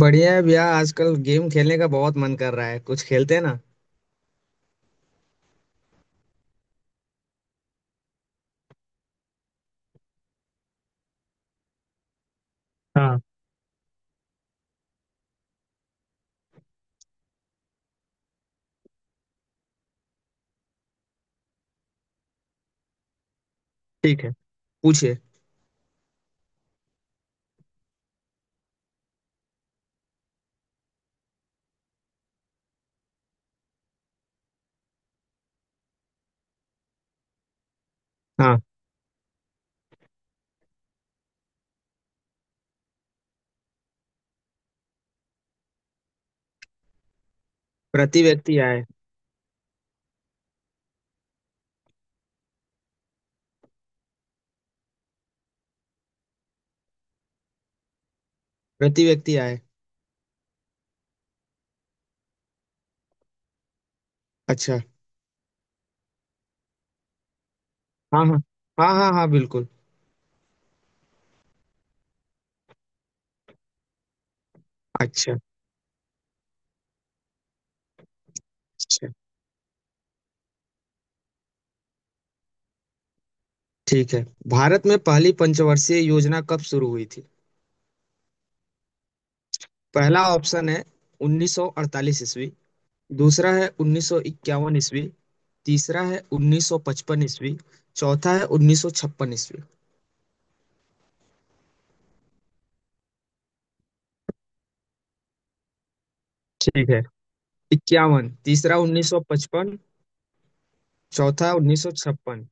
बढ़िया है भैया। आजकल गेम खेलने का बहुत मन कर रहा है, कुछ खेलते हैं ना। हाँ। ठीक है। पूछिए। हाँ। प्रति व्यक्ति आए। प्रति व्यक्ति आए। अच्छा। हाँ हाँ। हाँ हाँ हाँ, बिल्कुल। अच्छा अच्छा, ठीक है। भारत में पहली पंचवर्षीय योजना कब शुरू हुई थी? पहला ऑप्शन है 1948 ईस्वी। दूसरा है 1951 ईस्वी। तीसरा है 1955 ईस्वी। चौथा है 1956 ईस्वी। ठीक है। इक्यावन, तीसरा 1955। चौथा 1956।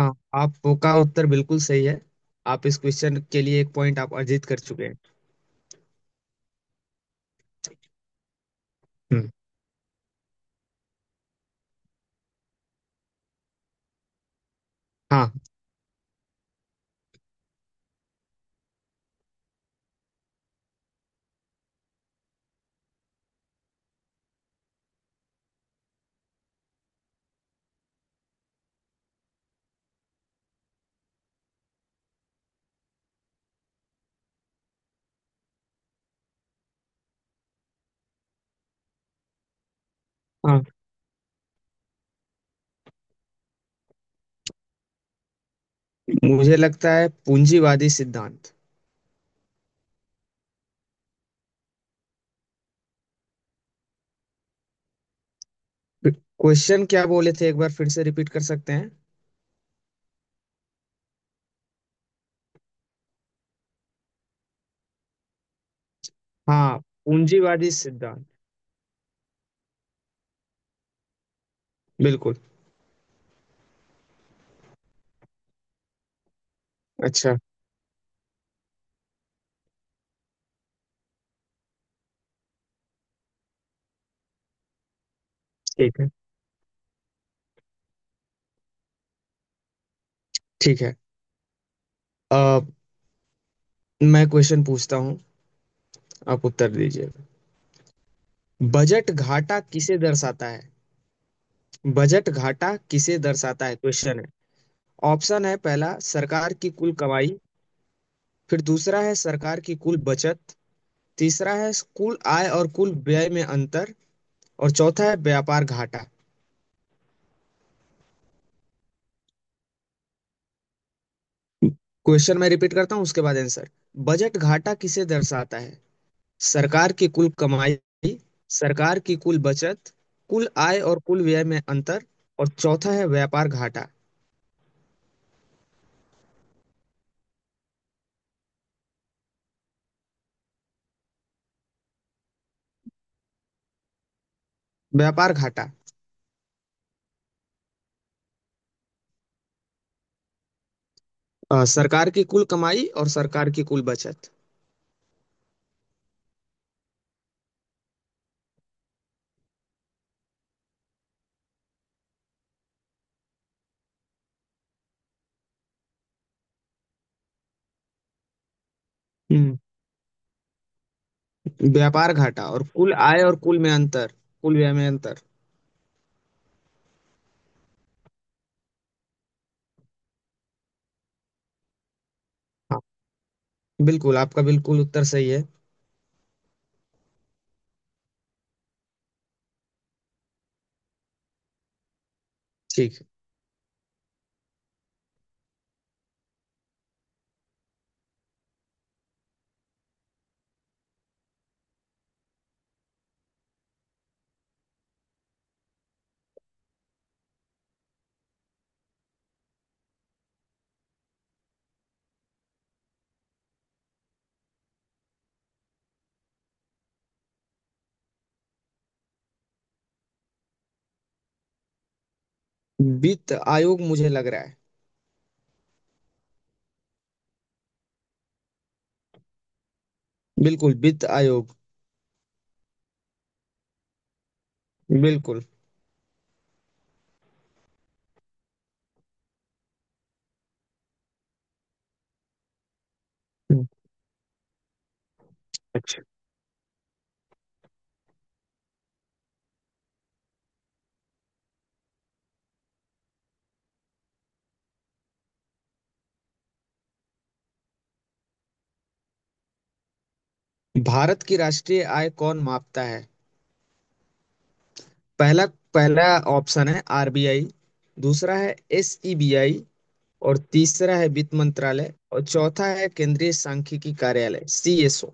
हाँ, आपका उत्तर बिल्कुल सही है। आप इस क्वेश्चन के लिए एक पॉइंट आप अर्जित कर चुके हैं। हम्म। हाँ हाँ। मुझे लगता है पूंजीवादी सिद्धांत। क्वेश्चन क्या बोले थे, एक बार फिर से रिपीट कर सकते हैं? हाँ। पूंजीवादी सिद्धांत। बिल्कुल। अच्छा। ठीक है। ठीक है। अ, मैं क्वेश्चन पूछता हूँ। आप उत्तर दीजिए। बजट घाटा किसे दर्शाता है? बजट घाटा किसे दर्शाता है क्वेश्चन है। ऑप्शन है, पहला सरकार की कुल कमाई। फिर दूसरा है सरकार की कुल बचत। तीसरा है कुल आय और कुल व्यय में अंतर। और चौथा है व्यापार घाटा। क्वेश्चन मैं रिपीट करता हूँ, उसके बाद आंसर। बजट घाटा किसे दर्शाता है? सरकार की कुल कमाई। सरकार की कुल बचत। कुल आय और कुल व्यय में अंतर। और चौथा है व्यापार घाटा। व्यापार घाटा। सरकार की कुल कमाई और सरकार की कुल बचत। हम्म। व्यापार घाटा और कुल आय और कुल में अंतर। कुल व्यय में अंतर। हाँ। बिल्कुल, आपका बिल्कुल उत्तर सही है। ठीक। वित्त आयोग मुझे लग रहा है। बिल्कुल, वित्त आयोग। बिल्कुल। हम्म। अच्छा। भारत की राष्ट्रीय आय कौन मापता है? पहला पहला ऑप्शन है आरबीआई। दूसरा है एसईबीआई। और तीसरा है वित्त मंत्रालय और चौथा है केंद्रीय सांख्यिकी कार्यालय सीएसओ।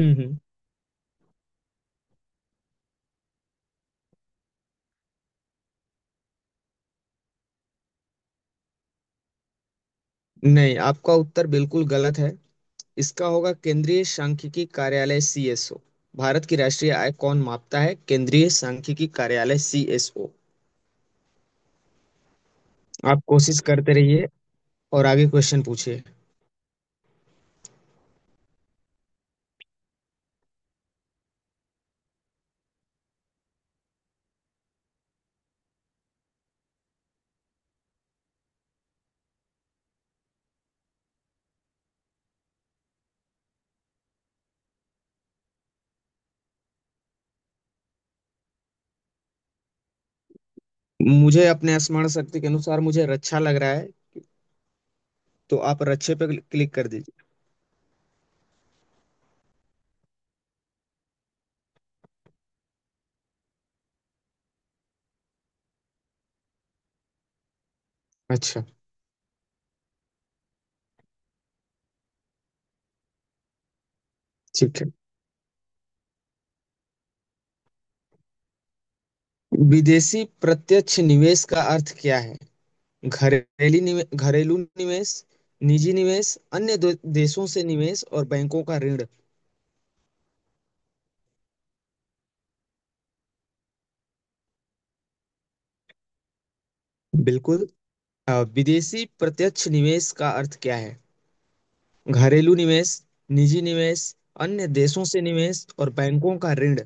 हम्म हम्म। नहीं, आपका उत्तर बिल्कुल गलत है। इसका होगा केंद्रीय सांख्यिकी कार्यालय सीएसओ। भारत की राष्ट्रीय आय कौन मापता है? केंद्रीय सांख्यिकी कार्यालय सीएसओ। आप कोशिश करते रहिए और आगे क्वेश्चन पूछिए। मुझे अपने स्मरण शक्ति के अनुसार मुझे रक्षा लग रहा है। तो आप रक्षे पे क्लिक क्लिक कर दीजिए। अच्छा। ठीक है। विदेशी प्रत्यक्ष निवेश का अर्थ क्या है? घरेलू निवेश, निजी निवेश, अन्य देशों से निवेश और बैंकों का ऋण। बिल्कुल। विदेशी प्रत्यक्ष निवेश का अर्थ क्या है? घरेलू निवेश। निजी निवेश। अन्य देशों से निवेश और बैंकों का ऋण।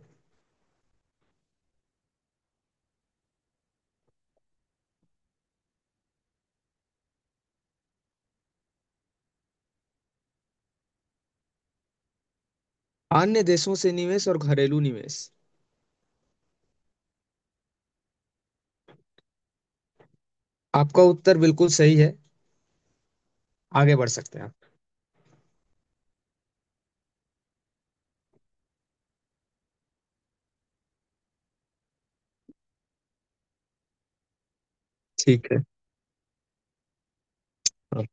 अन्य देशों से निवेश और घरेलू निवेश। आपका उत्तर बिल्कुल सही है। आगे बढ़ सकते हैं। ठीक है। हाँ।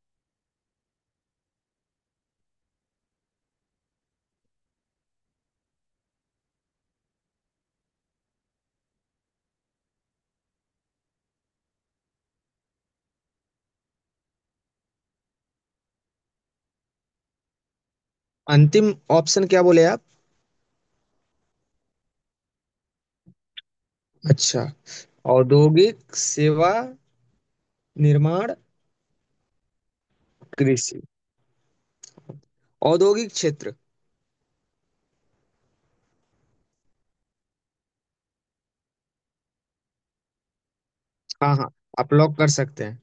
अंतिम ऑप्शन क्या बोले आप? अच्छा। औद्योगिक सेवा। निर्माण। कृषि। औद्योगिक क्षेत्र। हाँ हाँ, आप लॉक कर सकते हैं।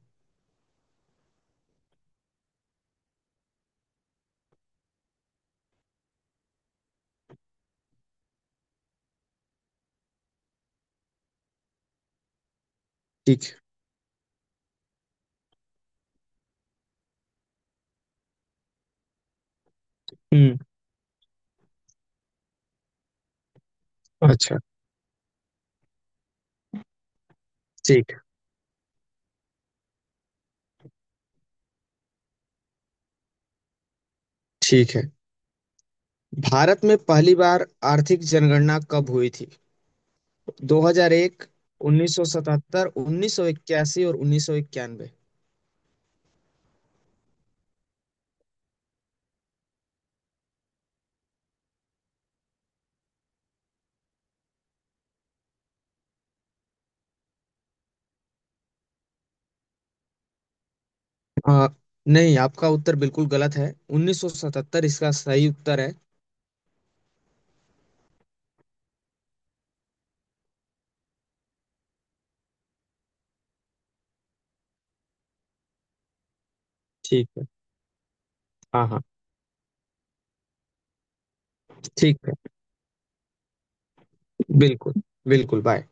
ठीक है। हम्म। अच्छा। ठीक। ठीक है। भारत में पहली बार आर्थिक जनगणना कब हुई थी? 2001, 1977, 1981 और 1991। आ, नहीं, आपका उत्तर बिल्कुल गलत है। 1977 इसका सही उत्तर है। ठीक है। हाँ हाँ। ठीक है। बिल्कुल। बिल्कुल, बाय।